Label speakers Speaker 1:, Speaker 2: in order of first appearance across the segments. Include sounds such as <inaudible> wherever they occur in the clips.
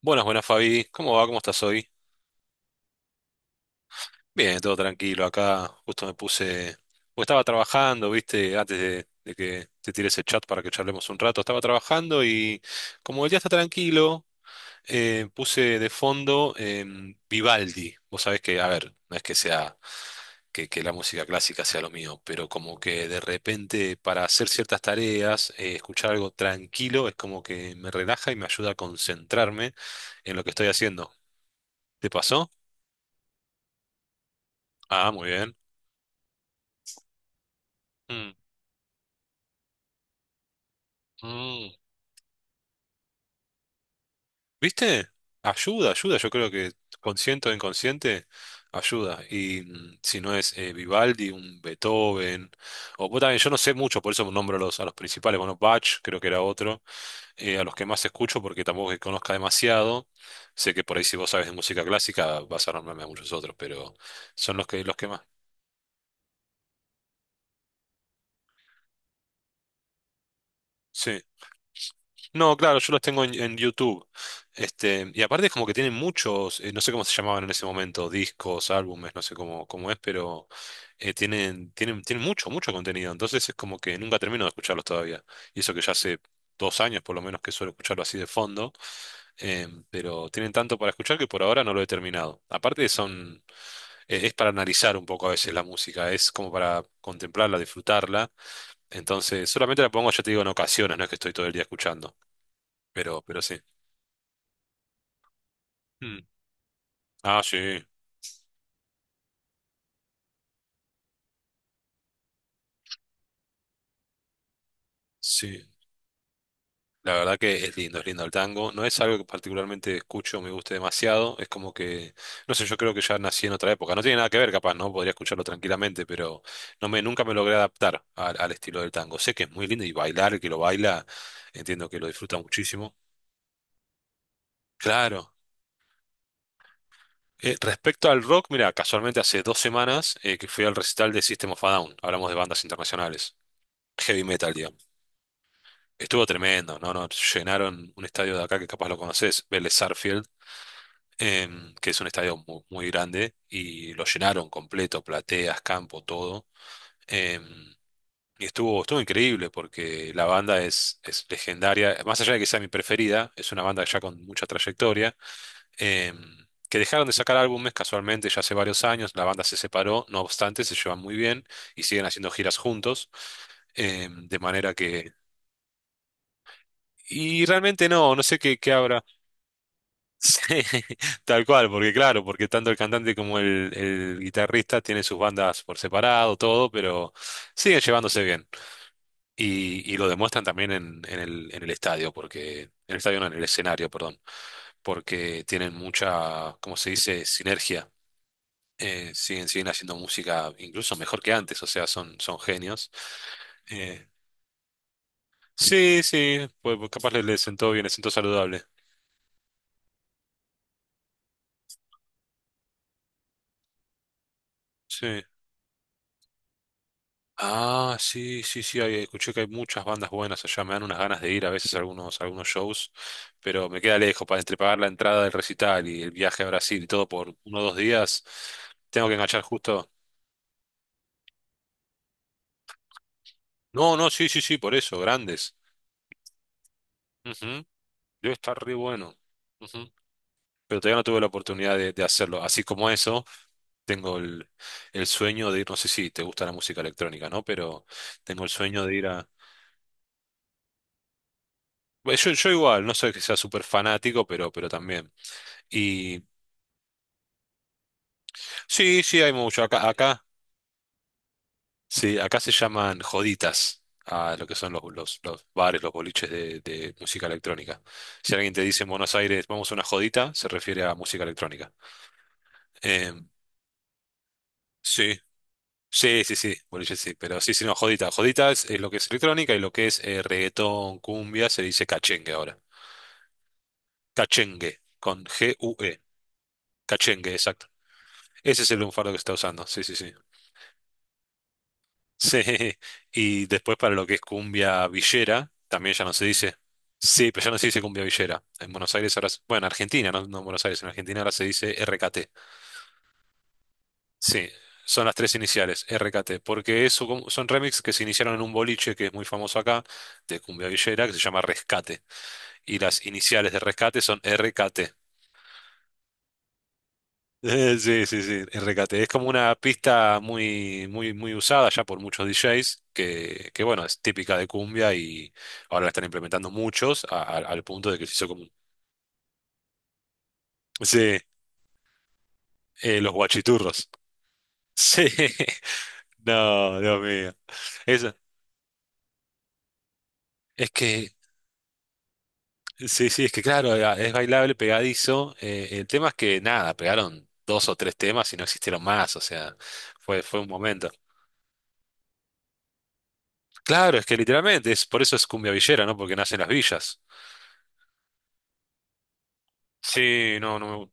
Speaker 1: Buenas, buenas Fabi, ¿cómo va? ¿Cómo estás hoy? Bien, todo tranquilo acá, justo me puse, porque estaba trabajando, viste, antes de que te tire ese chat para que charlemos un rato, estaba trabajando y como el día está tranquilo, puse de fondo Vivaldi, vos sabés que, a ver, no es que sea, que la música clásica sea lo mío, pero como que de repente para hacer ciertas tareas, escuchar algo tranquilo es como que me relaja y me ayuda a concentrarme en lo que estoy haciendo. ¿Te pasó? Ah, muy bien. Mm, mm. ¿Viste? Ayuda, ayuda. Yo creo que consciente o inconsciente ayuda. Y si no es Vivaldi, un Beethoven, o vos también, yo no sé mucho, por eso nombro a los, principales. Bueno, Bach creo que era otro, a los que más escucho porque tampoco es que conozca demasiado. Sé que por ahí si vos sabes de música clásica vas a nombrarme a muchos otros, pero son los que, más. Sí. No, claro, yo los tengo en YouTube. Este, y aparte es como que tienen muchos, no sé cómo se llamaban en ese momento, discos, álbumes, no sé cómo es, pero tienen mucho, mucho contenido. Entonces es como que nunca termino de escucharlos todavía. Y eso que ya hace 2 años por lo menos que suelo escucharlo así de fondo. Pero tienen tanto para escuchar que por ahora no lo he terminado. Aparte son, es para analizar un poco a veces la música, es como para contemplarla, disfrutarla. Entonces solamente la pongo, ya te digo, en ocasiones, no es que estoy todo el día escuchando. Pero sí. Mm. Ah, sí, sí. La verdad que es lindo el tango. No es algo que particularmente escucho, me guste demasiado. Es como que, no sé, yo creo que ya nací en otra época. No tiene nada que ver, capaz, ¿no? Podría escucharlo tranquilamente, pero no me, nunca me logré adaptar al, estilo del tango. Sé que es muy lindo y bailar, el que lo baila, entiendo que lo disfruta muchísimo. Claro. Respecto al rock, mira, casualmente hace 2 semanas que fui al recital de System of a Down. Hablamos de bandas internacionales. Heavy metal, digamos. Estuvo tremendo, ¿no? No, llenaron un estadio de acá que capaz lo conoces, Vélez Sarsfield, que es un estadio muy grande, y lo llenaron completo, plateas, campo, todo. Em, y estuvo increíble porque la banda es legendaria, más allá de que sea mi preferida, es una banda ya con mucha trayectoria, em, que dejaron de sacar álbumes casualmente ya hace varios años, la banda se separó, no obstante, se llevan muy bien y siguen haciendo giras juntos, de manera que. Y realmente no, no sé qué, habrá. Sí, <laughs> tal cual, porque claro, porque tanto el cantante como el guitarrista tienen sus bandas por separado, todo, pero siguen llevándose bien. Y lo demuestran también en el estadio, porque, en el estadio no, en el escenario, perdón, porque tienen mucha, ¿cómo se dice?, sinergia. Siguen haciendo música incluso mejor que antes, o sea, son genios. Eh, sí, sí, pues capaz les, sentó bien, les sentó saludable. Sí. Ah, sí, sí, sí, ahí escuché que hay muchas bandas buenas allá, me dan unas ganas de ir a veces a algunos shows, pero me queda lejos, para entre pagar la entrada del recital y el viaje a Brasil y todo por uno o dos días, tengo que enganchar justo. No, no, sí, sí, sí, por eso, grandes. Ujú. Debe estar re bueno. Ujú. Pero todavía no tuve la oportunidad de, hacerlo. Así como eso, tengo el sueño de ir, no sé si te gusta la música electrónica, ¿no? Pero tengo el sueño de ir a. Bueno, yo igual, no soy que sea súper fanático, pero también. Sí, sí, hay mucho. Acá, sí, acá se llaman joditas a lo que son los bares, los boliches de música electrónica. Si alguien te dice en Buenos Aires, vamos a una jodita, se refiere a música electrónica. Eh, sí, sí, sí, sí, boliches sí, pero sí, sí, no, jodita. Jodita es lo que es electrónica y lo que es reggaetón, cumbia, se dice cachengue ahora. Cachengue, con GUE. Cachengue, exacto. Ese es el lunfardo que se está usando, sí, sí, sí. Sí, y después para lo que es cumbia villera, también ya no se dice. Sí, pero ya no se dice cumbia villera. En Buenos Aires ahora, bueno, en Argentina, no, no en Buenos Aires, en Argentina ahora se dice RKT. Sí, son las tres iniciales, RKT, porque son remix que se iniciaron en un boliche que es muy famoso acá, de cumbia villera, que se llama Rescate. Y las iniciales de Rescate son RKT. <laughs> Sí, sí, sí, el recate. Es como una pista muy, muy, muy usada ya por muchos DJs, que bueno, es típica de cumbia y ahora la están implementando muchos al punto de que se hizo común. Sí, los guachiturros. Sí, <laughs> no, Dios mío. Es, es que, sí, sí, es que claro, es bailable, pegadizo. El tema es que nada, pegaron dos o tres temas y no existieron más, o sea, fue un momento. Claro, es que literalmente, es, por eso es cumbia villera, ¿no? Porque nace en las villas. Sí, no, no.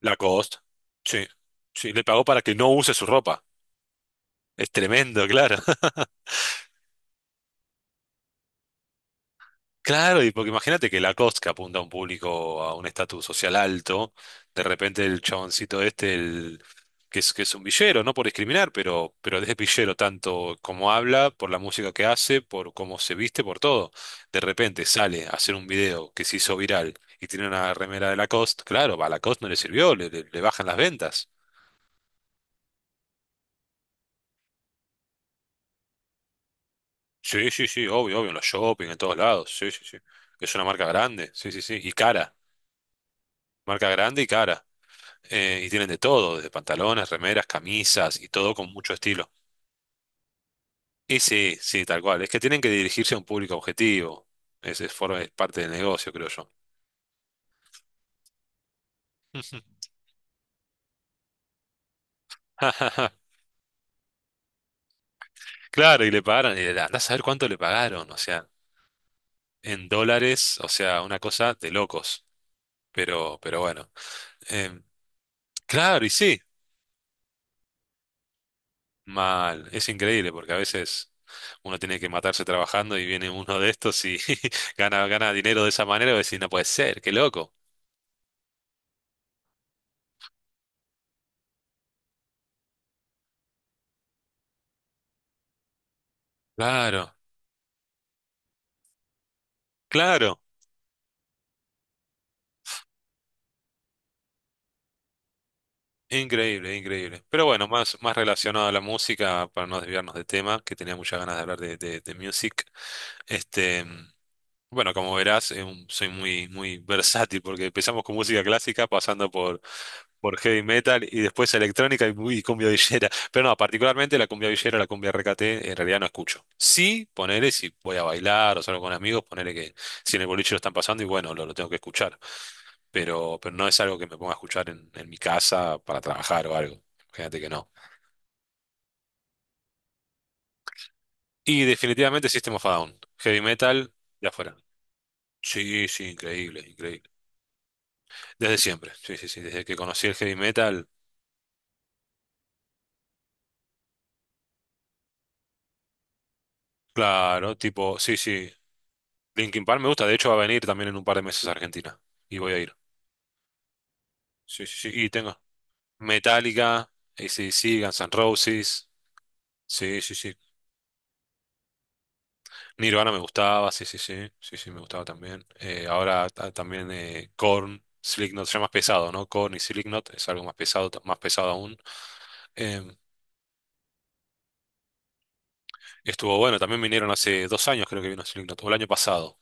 Speaker 1: Lacoste. Sí. Sí, le pagó para que no use su ropa. Es tremendo, claro. <laughs> Claro, y porque imagínate que Lacoste que apunta a un público, a un estatus social alto, de repente el chaboncito este, que es un villero, no por discriminar, pero es villero tanto como habla, por la música que hace, por cómo se viste, por todo. De repente sale a hacer un video que se hizo viral y tiene una remera de Lacoste, claro, a Lacoste no le sirvió, le bajan las ventas. Sí, sí, sí, obvio, obvio, en los shopping, en todos lados. Sí, sí, sí. Es una marca grande, sí, sí, sí. Y cara, marca grande y cara. Y tienen de todo, desde pantalones, remeras, camisas y todo con mucho estilo. Y sí, sí, tal cual. Es que tienen que dirigirse a un público objetivo. Ese es parte del negocio, creo yo. <laughs> Claro, y le pagaron, y andá a saber cuánto le pagaron, o sea, en dólares, o sea, una cosa de locos. Pero bueno. Em, claro, y sí. Mal, es increíble porque a veces uno tiene que matarse trabajando y viene uno de estos y <laughs> gana dinero de esa manera y decís, no puede ser, qué loco. Claro, claro, increíble, increíble. Pero bueno, más relacionado a la música, para no desviarnos de tema, que tenía muchas ganas de hablar de, music. Este. Bueno, como verás, soy muy, muy versátil porque empezamos con música clásica, pasando por heavy metal y después electrónica y cumbia villera. Pero no, particularmente la cumbia villera, la cumbia RKT, en realidad no escucho. Sí, ponele si voy a bailar o salgo con amigos, ponele que si en el boliche lo están pasando y bueno, lo tengo que escuchar. Pero no es algo que me ponga a escuchar en mi casa para trabajar o algo. Fíjate que no. Y definitivamente System of a Down, heavy metal, ya afuera. Sí, sí, increíble, increíble. Desde siempre, sí, sí, sí, desde que conocí el heavy metal, claro, tipo, sí, sí, Linkin Park me gusta, de hecho va a venir también en un par de meses a Argentina, y voy a ir, sí, sí, sí, y tengo Metallica, AC/DC, Guns N' Roses, sí, sí, sí, Nirvana me gustaba, sí, sí, sí, sí, sí, me gustaba también. Ahora también Korn, Slipknot, ya más pesado, ¿no? Korn y Slipknot es algo más pesado, más pesado aún. Em, estuvo bueno, también vinieron hace 2 años creo que vino Slipknot, o el año pasado.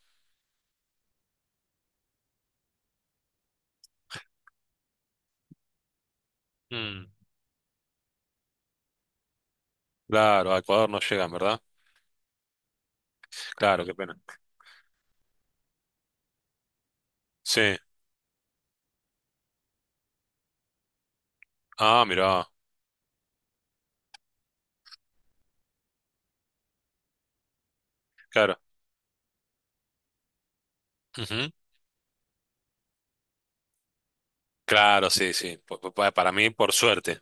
Speaker 1: Mm, claro, a Ecuador no llegan, ¿verdad? Claro, qué pena. Sí. Ah, mira, claro. Ujú. Claro, sí, sí. Para mí, por suerte.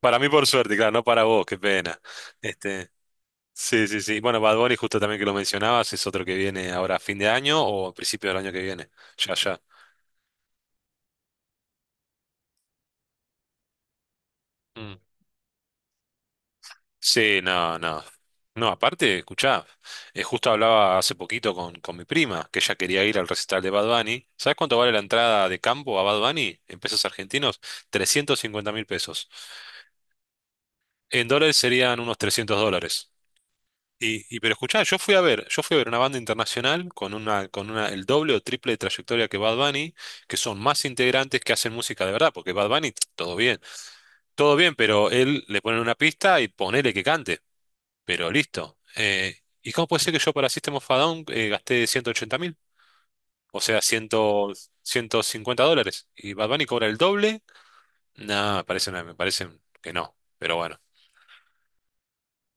Speaker 1: Para mí, por suerte, claro, no para vos, qué pena. Este, sí, sí, sí. Bueno, Bad Bunny, justo también que lo mencionabas, es otro que viene ahora a fin de año o a principio del año que viene. Ya, ya. Mm. Sí, no, no. No, aparte, escuchá, justo hablaba hace poquito con, mi prima, que ella quería ir al recital de Bad Bunny. ¿Sabes cuánto vale la entrada de campo a Bad Bunny en pesos argentinos? 350.000 pesos. En dólares serían unos 300 dólares. Y pero escuchá, yo fui a ver una banda internacional con una, el doble o triple de trayectoria que Bad Bunny, que son más integrantes que hacen música de verdad, porque Bad Bunny, <tsk> todo bien, pero él le ponen una pista y ponele que cante, pero listo. ¿Y cómo puede ser que yo para System of a Down gasté 180.000? O sea, cien, 150 dólares. ¿Y Bad Bunny cobra el doble? No, me parece, me parece que no, pero bueno,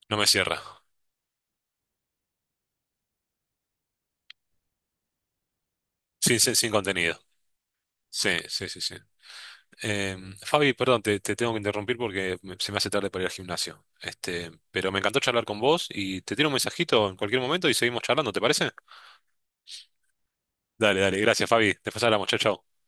Speaker 1: no me cierra, sin contenido. Sí, sí, sí, sí. Fabi, perdón, te tengo que interrumpir porque se me hace tarde para ir al gimnasio. Este, pero me encantó charlar con vos y te tiro un mensajito en cualquier momento y seguimos charlando, ¿te parece? Dale, dale, gracias, Fabi. Después hablamos, chao, chao.